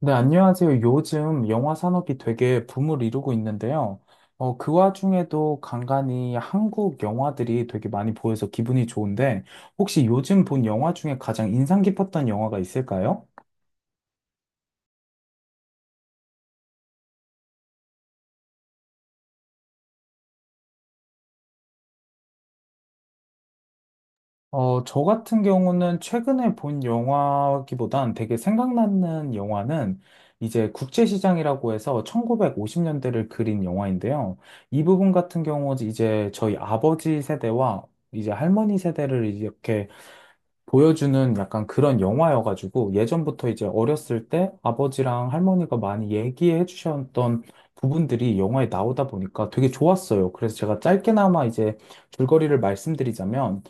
네, 안녕하세요. 요즘 영화 산업이 되게 붐을 이루고 있는데요. 그 와중에도 간간이 한국 영화들이 되게 많이 보여서 기분이 좋은데, 혹시 요즘 본 영화 중에 가장 인상 깊었던 영화가 있을까요? 저 같은 경우는 최근에 본 영화기보단 되게 생각나는 영화는 이제 국제시장이라고 해서 1950년대를 그린 영화인데요. 이 부분 같은 경우 이제 저희 아버지 세대와 이제 할머니 세대를 이렇게 보여주는 약간 그런 영화여가지고 예전부터 이제 어렸을 때 아버지랑 할머니가 많이 얘기해 주셨던 부분들이 영화에 나오다 보니까 되게 좋았어요. 그래서 제가 짧게나마 이제 줄거리를 말씀드리자면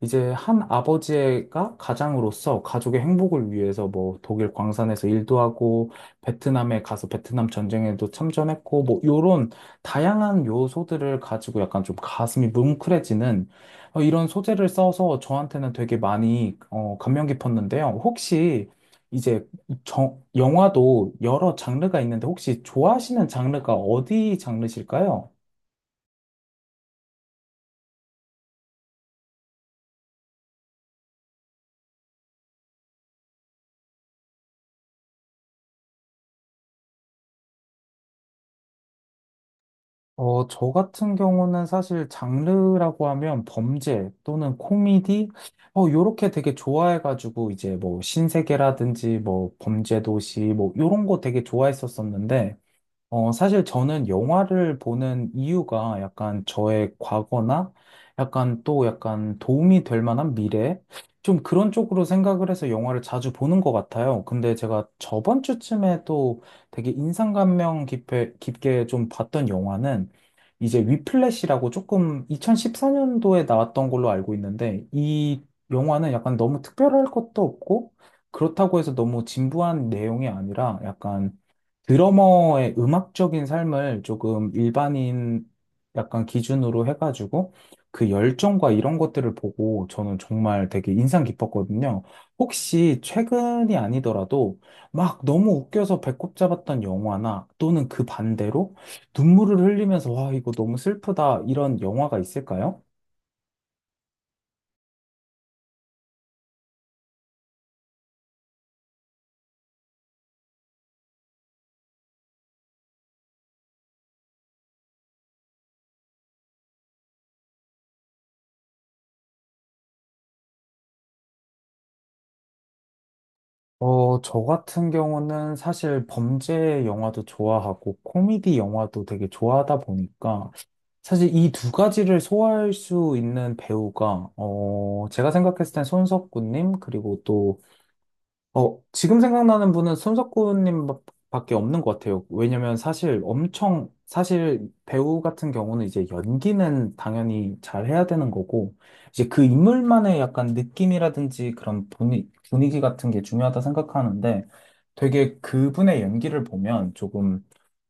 이제 한 아버지가 가장으로서 가족의 행복을 위해서 뭐 독일 광산에서 일도 하고 베트남에 가서 베트남 전쟁에도 참전했고 뭐 요런 다양한 요소들을 가지고 약간 좀 가슴이 뭉클해지는 이런 소재를 써서 저한테는 되게 많이 감명 깊었는데요. 혹시 이제 영화도 여러 장르가 있는데 혹시 좋아하시는 장르가 어디 장르실까요? 저 같은 경우는 사실 장르라고 하면 범죄 또는 코미디, 요렇게 되게 좋아해가지고 이제 뭐 신세계라든지 뭐 범죄도시 뭐 요런 거 되게 좋아했었었는데. 사실 저는 영화를 보는 이유가 약간 저의 과거나 약간 또 약간 도움이 될 만한 미래? 좀 그런 쪽으로 생각을 해서 영화를 자주 보는 것 같아요. 근데 제가 저번 주쯤에 또 되게 인상감명 깊게 좀 봤던 영화는 이제 위플래시라고 조금 2014년도에 나왔던 걸로 알고 있는데 이 영화는 약간 너무 특별할 것도 없고 그렇다고 해서 너무 진부한 내용이 아니라 약간 드러머의 음악적인 삶을 조금 일반인 약간 기준으로 해가지고 그 열정과 이런 것들을 보고 저는 정말 되게 인상 깊었거든요. 혹시 최근이 아니더라도 막 너무 웃겨서 배꼽 잡았던 영화나 또는 그 반대로 눈물을 흘리면서 와, 이거 너무 슬프다 이런 영화가 있을까요? 저 같은 경우는 사실 범죄 영화도 좋아하고 코미디 영화도 되게 좋아하다 보니까 사실 이 두 가지를 소화할 수 있는 배우가, 제가 생각했을 땐 손석구님, 그리고 또, 지금 생각나는 분은 손석구님 밖에 없는 것 같아요. 왜냐면 사실 엄청, 사실 배우 같은 경우는 이제 연기는 당연히 잘 해야 되는 거고, 이제 그 인물만의 약간 느낌이라든지 그런 분위기 같은 게 중요하다 생각하는데, 되게 그분의 연기를 보면 조금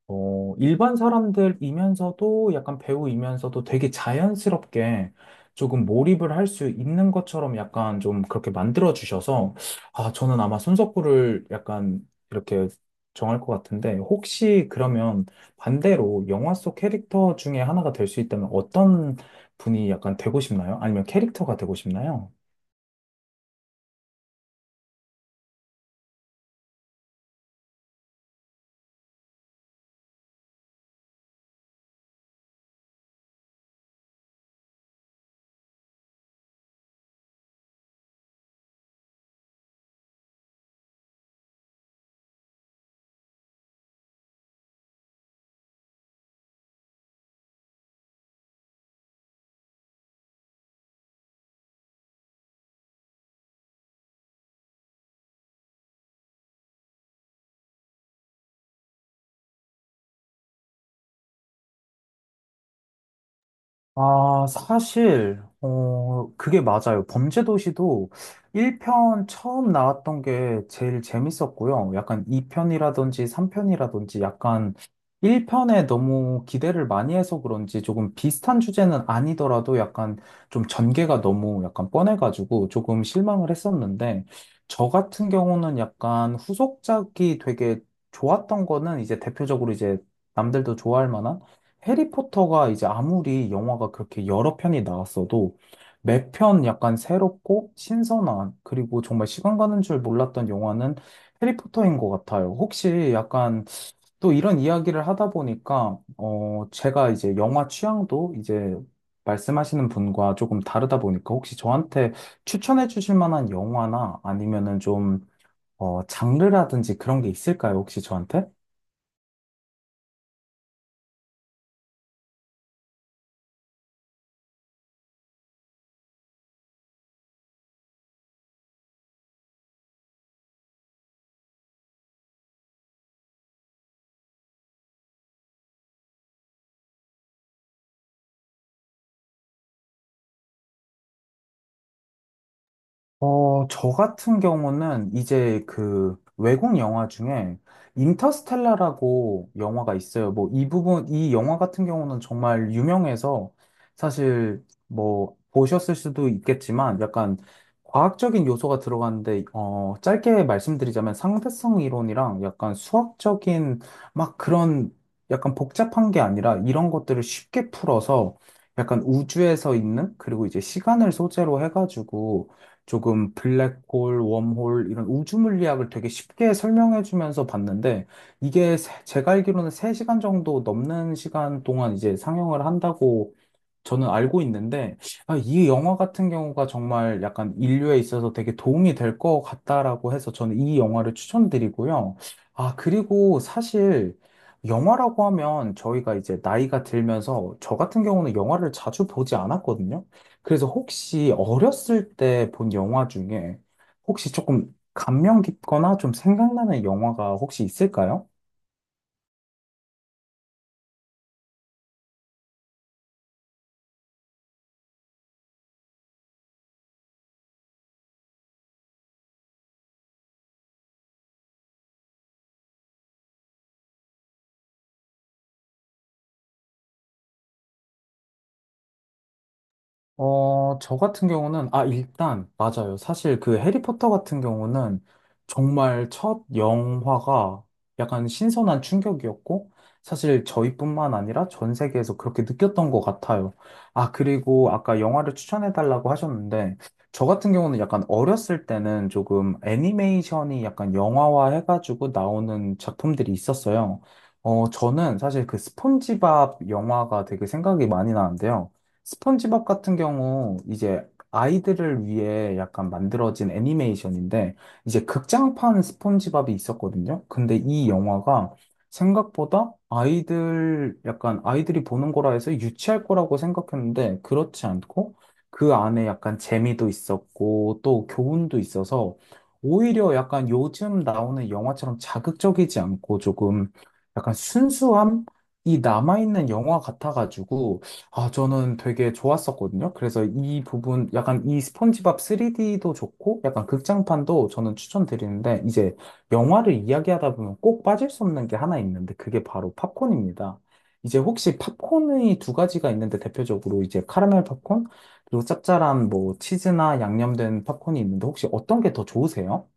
일반 사람들이면서도 약간 배우이면서도 되게 자연스럽게 조금 몰입을 할 수 있는 것처럼 약간 좀 그렇게 만들어 주셔서 아, 저는 아마 손석구를 약간 이렇게 정할 것 같은데 혹시 그러면 반대로 영화 속 캐릭터 중에 하나가 될 수 있다면 어떤 분이 약간 되고 싶나요? 아니면 캐릭터가 되고 싶나요? 아, 사실, 그게 맞아요. 범죄도시도 1편 처음 나왔던 게 제일 재밌었고요. 약간 2편이라든지 3편이라든지 약간 1편에 너무 기대를 많이 해서 그런지 조금 비슷한 주제는 아니더라도 약간 좀 전개가 너무 약간 뻔해가지고 조금 실망을 했었는데, 저 같은 경우는 약간 후속작이 되게 좋았던 거는 이제 대표적으로 이제 남들도 좋아할 만한 해리포터가 이제 아무리 영화가 그렇게 여러 편이 나왔어도 매 편 약간 새롭고 신선한 그리고 정말 시간 가는 줄 몰랐던 영화는 해리포터인 것 같아요. 혹시 약간 또 이런 이야기를 하다 보니까 어 제가 이제 영화 취향도 이제 말씀하시는 분과 조금 다르다 보니까 혹시 저한테 추천해 주실 만한 영화나 아니면은 좀 어 장르라든지 그런 게 있을까요? 혹시 저한테? 저 같은 경우는 이제 그 외국 영화 중에 인터스텔라라고 영화가 있어요. 뭐 이 부분, 이 영화 같은 경우는 정말 유명해서 사실 뭐 보셨을 수도 있겠지만 약간 과학적인 요소가 들어가는데, 짧게 말씀드리자면 상대성 이론이랑 약간 수학적인 막 그런 약간 복잡한 게 아니라 이런 것들을 쉽게 풀어서 약간 우주에서 있는 그리고 이제 시간을 소재로 해가지고 조금 블랙홀, 웜홀 이런 우주 물리학을 되게 쉽게 설명해 주면서 봤는데 이게 제가 알기로는 3시간 정도 넘는 시간 동안 이제 상영을 한다고 저는 알고 있는데, 아, 이 영화 같은 경우가 정말 약간 인류에 있어서 되게 도움이 될 것 같다라고 해서 저는 이 영화를 추천드리고요. 아, 그리고 사실 영화라고 하면 저희가 이제 나이가 들면서 저 같은 경우는 영화를 자주 보지 않았거든요. 그래서 혹시 어렸을 때 본 영화 중에 혹시 조금 감명 깊거나 좀 생각나는 영화가 혹시 있을까요? 저 같은 경우는, 아, 일단, 맞아요. 사실 그 해리포터 같은 경우는 정말 첫 영화가 약간 신선한 충격이었고, 사실 저희뿐만 아니라 전 세계에서 그렇게 느꼈던 것 같아요. 아, 그리고 아까 영화를 추천해달라고 하셨는데, 저 같은 경우는 약간 어렸을 때는 조금 애니메이션이 약간 영화화 해가지고 나오는 작품들이 있었어요. 저는 사실 그 스폰지밥 영화가 되게 생각이 많이 나는데요. 스펀지밥 같은 경우 이제 아이들을 위해 약간 만들어진 애니메이션인데 이제 극장판 스폰지밥이 있었거든요. 근데 이 영화가 생각보다 아이들 약간 아이들이 보는 거라 해서 유치할 거라고 생각했는데 그렇지 않고 그 안에 약간 재미도 있었고 또 교훈도 있어서 오히려 약간 요즘 나오는 영화처럼 자극적이지 않고 조금 약간 순수함이 남아있는 영화 같아가지고 아, 저는 되게 좋았었거든요. 그래서 이 부분, 약간 이 스폰지밥 3D도 좋고, 약간 극장판도 저는 추천드리는데, 이제 영화를 이야기하다 보면 꼭 빠질 수 없는 게 하나 있는데, 그게 바로 팝콘입니다. 이제 혹시 팝콘의 두 가지가 있는데, 대표적으로 이제 카라멜 팝콘, 그리고 짭짤한 뭐 치즈나 양념된 팝콘이 있는데, 혹시 어떤 게 더 좋으세요?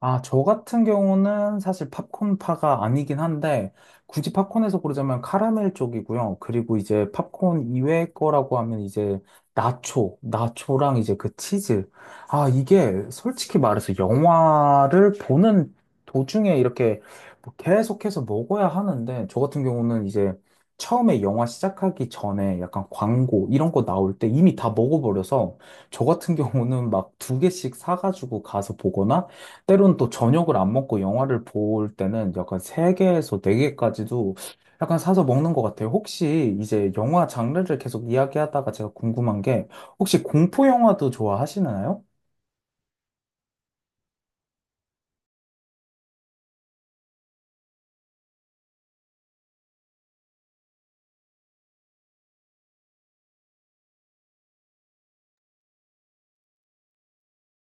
아, 저 같은 경우는 사실 팝콘파가 아니긴 한데, 굳이 팝콘에서 고르자면 카라멜 쪽이고요. 그리고 이제 팝콘 이외 거라고 하면 이제 나초, 나초랑 이제 그 치즈. 아, 이게 솔직히 말해서 영화를 보는 도중에 이렇게 뭐 계속해서 먹어야 하는데, 저 같은 경우는 이제 처음에 영화 시작하기 전에 약간 광고 이런 거 나올 때 이미 다 먹어버려서, 저 같은 경우는 막 두 개씩 사가지고 가서 보거나, 때론 또 저녁을 안 먹고 영화를 볼 때는 약간 세개에서네개까지도 약간 사서 먹는 것 같아요. 혹시 이제 영화 장르를 계속 이야기하다가 제가 궁금한 게 혹시 공포 영화도 좋아하시나요?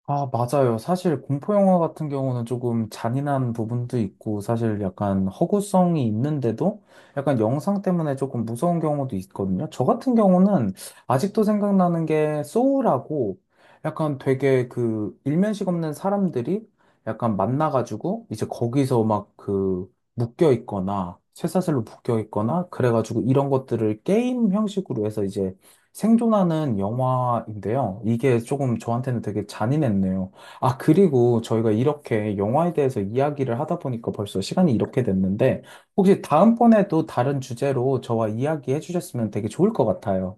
아, 맞아요. 사실 공포 영화 같은 경우는 조금 잔인한 부분도 있고, 사실 약간 허구성이 있는데도 약간 영상 때문에 조금 무서운 경우도 있거든요. 저 같은 경우는 아직도 생각나는 게 소울하고 약간 되게 그 일면식 없는 사람들이 약간 만나가지고 이제 거기서 막 그 묶여 있거나 쇠사슬로 묶여 있거나 그래가지고 이런 것들을 게임 형식으로 해서 이제 생존하는 영화인데요. 이게 조금 저한테는 되게 잔인했네요. 아, 그리고 저희가 이렇게 영화에 대해서 이야기를 하다 보니까 벌써 시간이 이렇게 됐는데, 혹시 다음번에도 다른 주제로 저와 이야기해 주셨으면 되게 좋을 것 같아요.